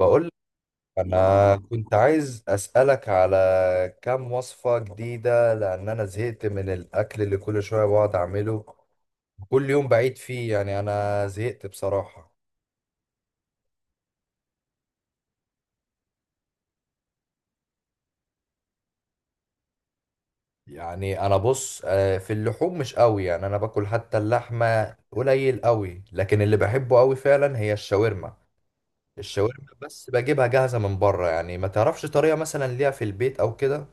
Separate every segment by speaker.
Speaker 1: بقول لك، انا كنت عايز اسالك على كام وصفه جديده لان انا زهقت من الاكل اللي كل شويه بقعد اعمله كل يوم بعيد فيه. يعني انا زهقت بصراحه. يعني انا بص، في اللحوم مش قوي، يعني انا باكل حتى اللحمه قليل قوي، لكن اللي بحبه قوي فعلا هي الشاورما بس بجيبها جاهزه من بره، يعني ما تعرفش طريقه مثلا ليها في البيت او كده.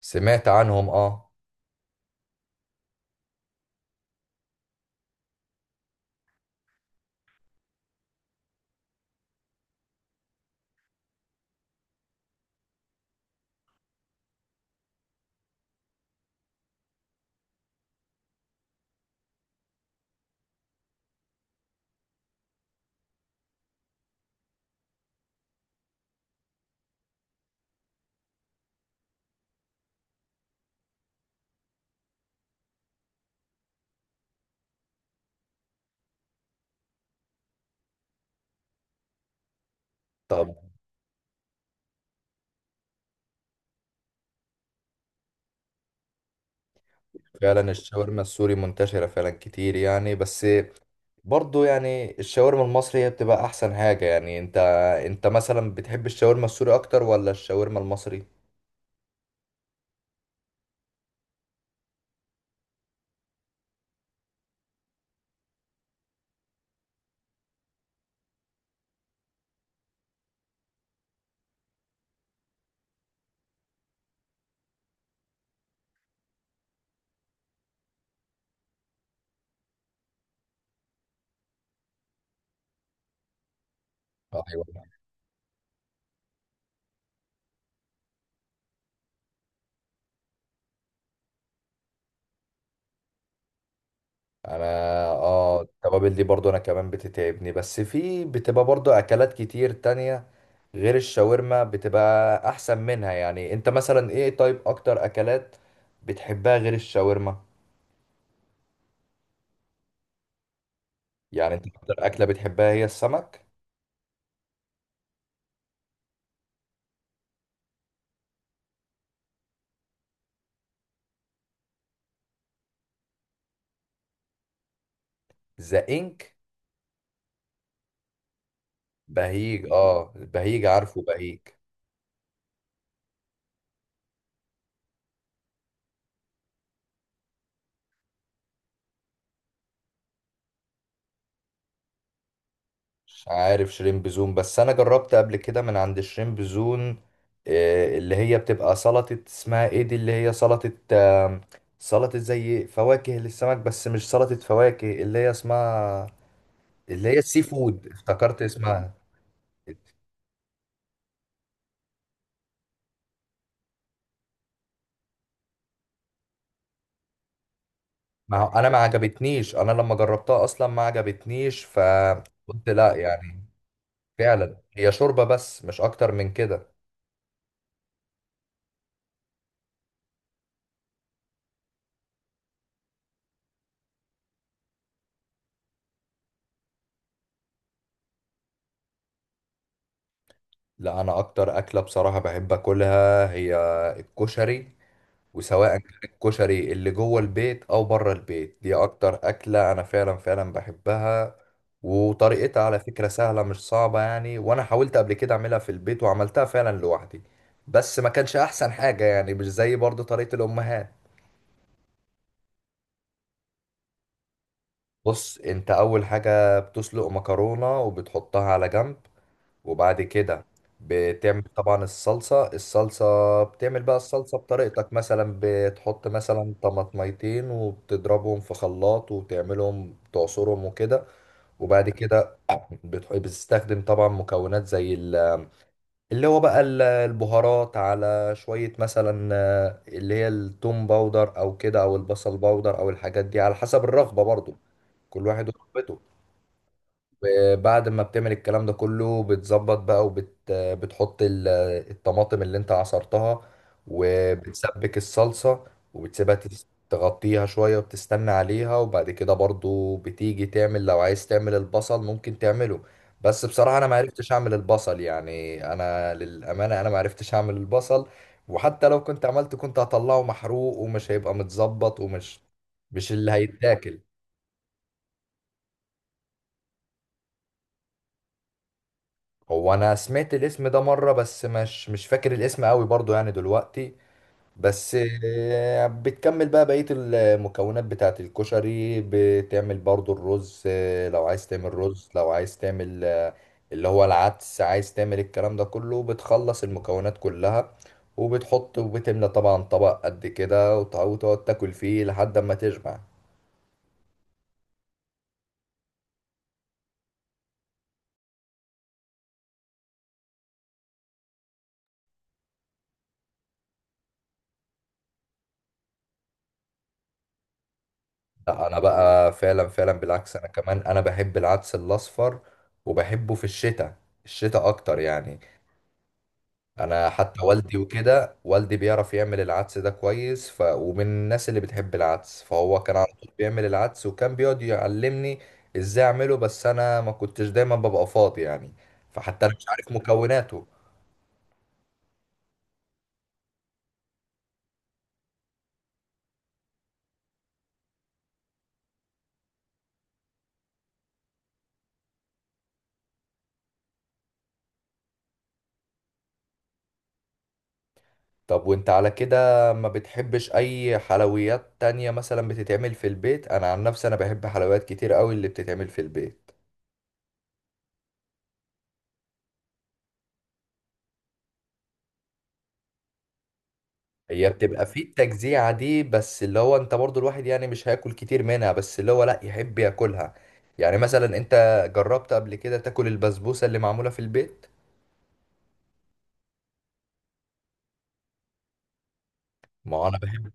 Speaker 1: سمعت عنهم، اه. طب فعلا الشاورما السوري منتشرة فعلا كتير يعني، بس برضو يعني الشاورما المصري هي بتبقى أحسن حاجة. يعني أنت مثلا بتحب الشاورما السوري أكتر ولا الشاورما المصري؟ أيوة. أنا آه التوابل دي برضو أنا كمان بتتعبني، بس في بتبقى برضو أكلات كتير تانية غير الشاورما بتبقى أحسن منها. يعني أنت مثلا إيه طيب أكتر أكلات بتحبها غير الشاورما؟ يعني أنت أكتر أكلة بتحبها هي السمك؟ ذا إنك؟ بهيج، اه، بهيج، عارفه بهيج. مش عارف شريمب زون، بس انا جربت قبل كده من عند شريمب زون. اللي هي بتبقى سلطة اسمها ايه دي، اللي هي سلطة، سلطة زي فواكه للسمك بس مش سلطة فواكه، اللي هي اسمها اللي هي السي فود افتكرت اسمها. ما هو انا ما عجبتنيش، انا لما جربتها اصلا ما عجبتنيش، فقلت لا يعني. فعلا هي شوربة بس مش اكتر من كده. لا، انا اكتر اكله بصراحه بحب اكلها هي الكشري. وسواء كان الكشري اللي جوه البيت او بره البيت، دي اكتر اكله انا فعلا فعلا بحبها. وطريقتها على فكره سهله مش صعبه يعني، وانا حاولت قبل كده اعملها في البيت وعملتها فعلا لوحدي، بس ما كانش احسن حاجه يعني، مش زي برضه طريقه الامهات. بص، انت اول حاجه بتسلق مكرونه وبتحطها على جنب. وبعد كده بتعمل طبعا الصلصة. الصلصة بتعمل بقى الصلصة بطريقتك، مثلا بتحط مثلا طماطميتين وبتضربهم في خلاط وتعملهم تعصرهم وكده. وبعد كده بتستخدم طبعا مكونات زي اللي هو بقى البهارات، على شوية مثلا اللي هي التوم باودر أو كده أو البصل باودر أو الحاجات دي على حسب الرغبة برضو، كل واحد ورغبته. بعد ما بتعمل الكلام ده كله بتظبط بقى، بتحط الطماطم اللي انت عصرتها، وبتسبك الصلصة. وبتسيبها تغطيها شوية وبتستنى عليها. وبعد كده برضو بتيجي تعمل، لو عايز تعمل البصل ممكن تعمله، بس بصراحة انا ما عرفتش اعمل البصل. يعني انا للأمانة انا ما عرفتش اعمل البصل، وحتى لو كنت عملته كنت هطلعه محروق، ومش هيبقى متظبط، ومش مش اللي هيتاكل. هو انا سمعت الاسم ده مره، بس مش فاكر الاسم قوي برضو يعني دلوقتي بس. بتكمل بقى بقيه المكونات بتاعه الكشري، بتعمل برضو الرز، لو عايز تعمل رز، لو عايز تعمل، اللي هو العدس، عايز تعمل الكلام ده كله، بتخلص المكونات كلها، وبتحط وبتملى طبعا طبق قد كده، وتقعد تاكل فيه لحد ما تشبع. لا، انا بقى فعلا فعلا بالعكس، انا كمان انا بحب العدس الاصفر، وبحبه في الشتاء، الشتاء اكتر يعني. انا حتى والدي وكده، والدي بيعرف يعمل العدس ده كويس، ف... ومن الناس اللي بتحب العدس، فهو كان على طول بيعمل العدس وكان بيقعد يعلمني ازاي اعمله، بس انا ما كنتش دايما ببقى فاضي يعني، فحتى انا مش عارف مكوناته. طب وانت على كده ما بتحبش اي حلويات تانية مثلا بتتعمل في البيت؟ انا عن نفسي انا بحب حلويات كتير قوي اللي بتتعمل في البيت. هي بتبقى في التجزيعة دي، بس اللي هو انت برضو الواحد يعني مش هياكل كتير منها، بس اللي هو لا، يحب ياكلها. يعني مثلا انت جربت قبل كده تاكل البسبوسة اللي معمولة في البيت؟ ما انا بحب.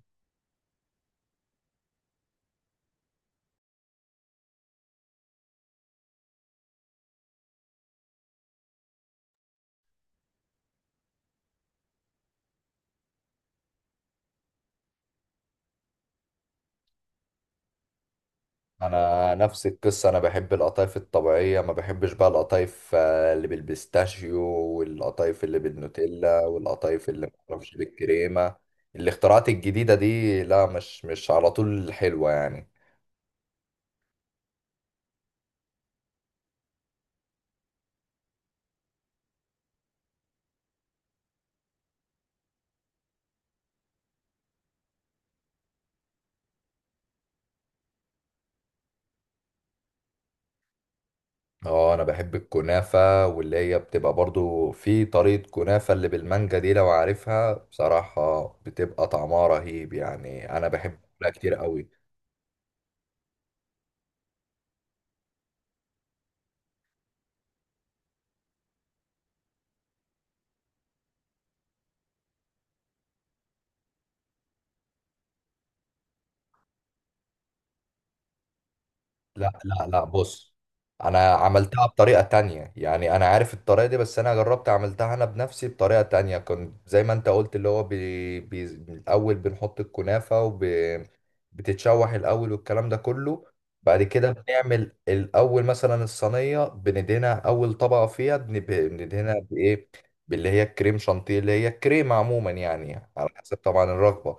Speaker 1: انا نفس القصة، انا بحب القطايف الطبيعية، ما بحبش بقى القطايف، اللي بالبيستاشيو، والقطايف اللي بالنوتيلا، والقطايف اللي معرفش بالكريمة. الاختراعات الجديدة دي لا، مش على طول حلوة يعني. اه، انا بحب الكنافة، واللي هي بتبقى برضو في طريقة كنافة اللي بالمانجا دي لو عارفها، بصراحة بتبقى طعمها رهيب يعني، انا بحب اكلها كتير قوي. لا لا لا، بص. انا عملتها بطريقة تانية، يعني انا عارف الطريقة دي، بس انا جربت عملتها انا بنفسي بطريقة تانية، كنت زي ما انت قلت، اللي هو بي بي الاول بنحط الكنافة، بتتشوح الاول والكلام ده كله. بعد كده بنعمل الاول مثلا الصينية بندهنها، اول طبقة فيها بندهنها بايه، باللي هي الكريم شانتيه، اللي هي الكريمة عموما يعني، على حسب طبعا الرغبة.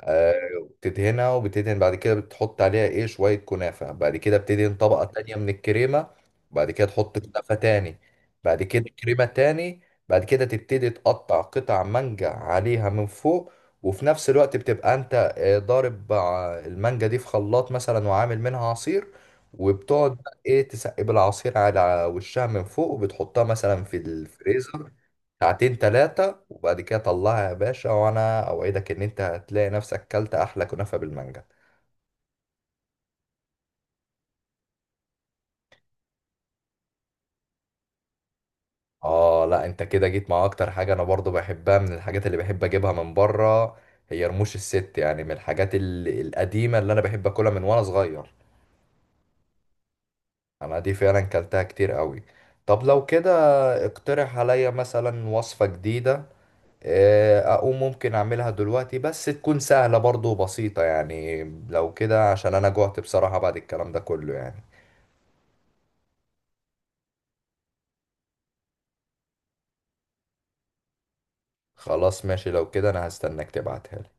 Speaker 1: آه، تدهنها، وبتدهن بعد كده بتحط عليها ايه شوية كنافة. بعد كده بتدهن طبقة تانية من الكريمة. بعد كده تحط كنافة تاني. بعد كده كريمة تاني. بعد كده تبتدي تقطع قطع مانجا عليها من فوق، وفي نفس الوقت بتبقى انت ضارب مع المانجا دي في خلاط مثلا وعامل منها عصير، وبتقعد بقى ايه تسقي بالعصير على وشها من فوق، وبتحطها مثلا في الفريزر ساعتين تلاتة. وبعد كده طلعها يا باشا، وانا اوعدك ان انت هتلاقي نفسك كلت احلى كنافة بالمانجا. اه لا، انت كده جيت مع اكتر حاجة انا برضو بحبها من الحاجات اللي بحب اجيبها من بره، هي رموش الست. يعني من الحاجات القديمة اللي انا بحب اكلها من وانا صغير، انا دي فعلا كلتها كتير قوي. طب لو كده اقترح عليا مثلا وصفة جديدة، اقوم ممكن اعملها دلوقتي، بس تكون سهلة برضو وبسيطة، يعني لو كده عشان انا جوعت بصراحة بعد الكلام ده كله يعني. خلاص، ماشي. لو كده انا هستناك تبعتها لي.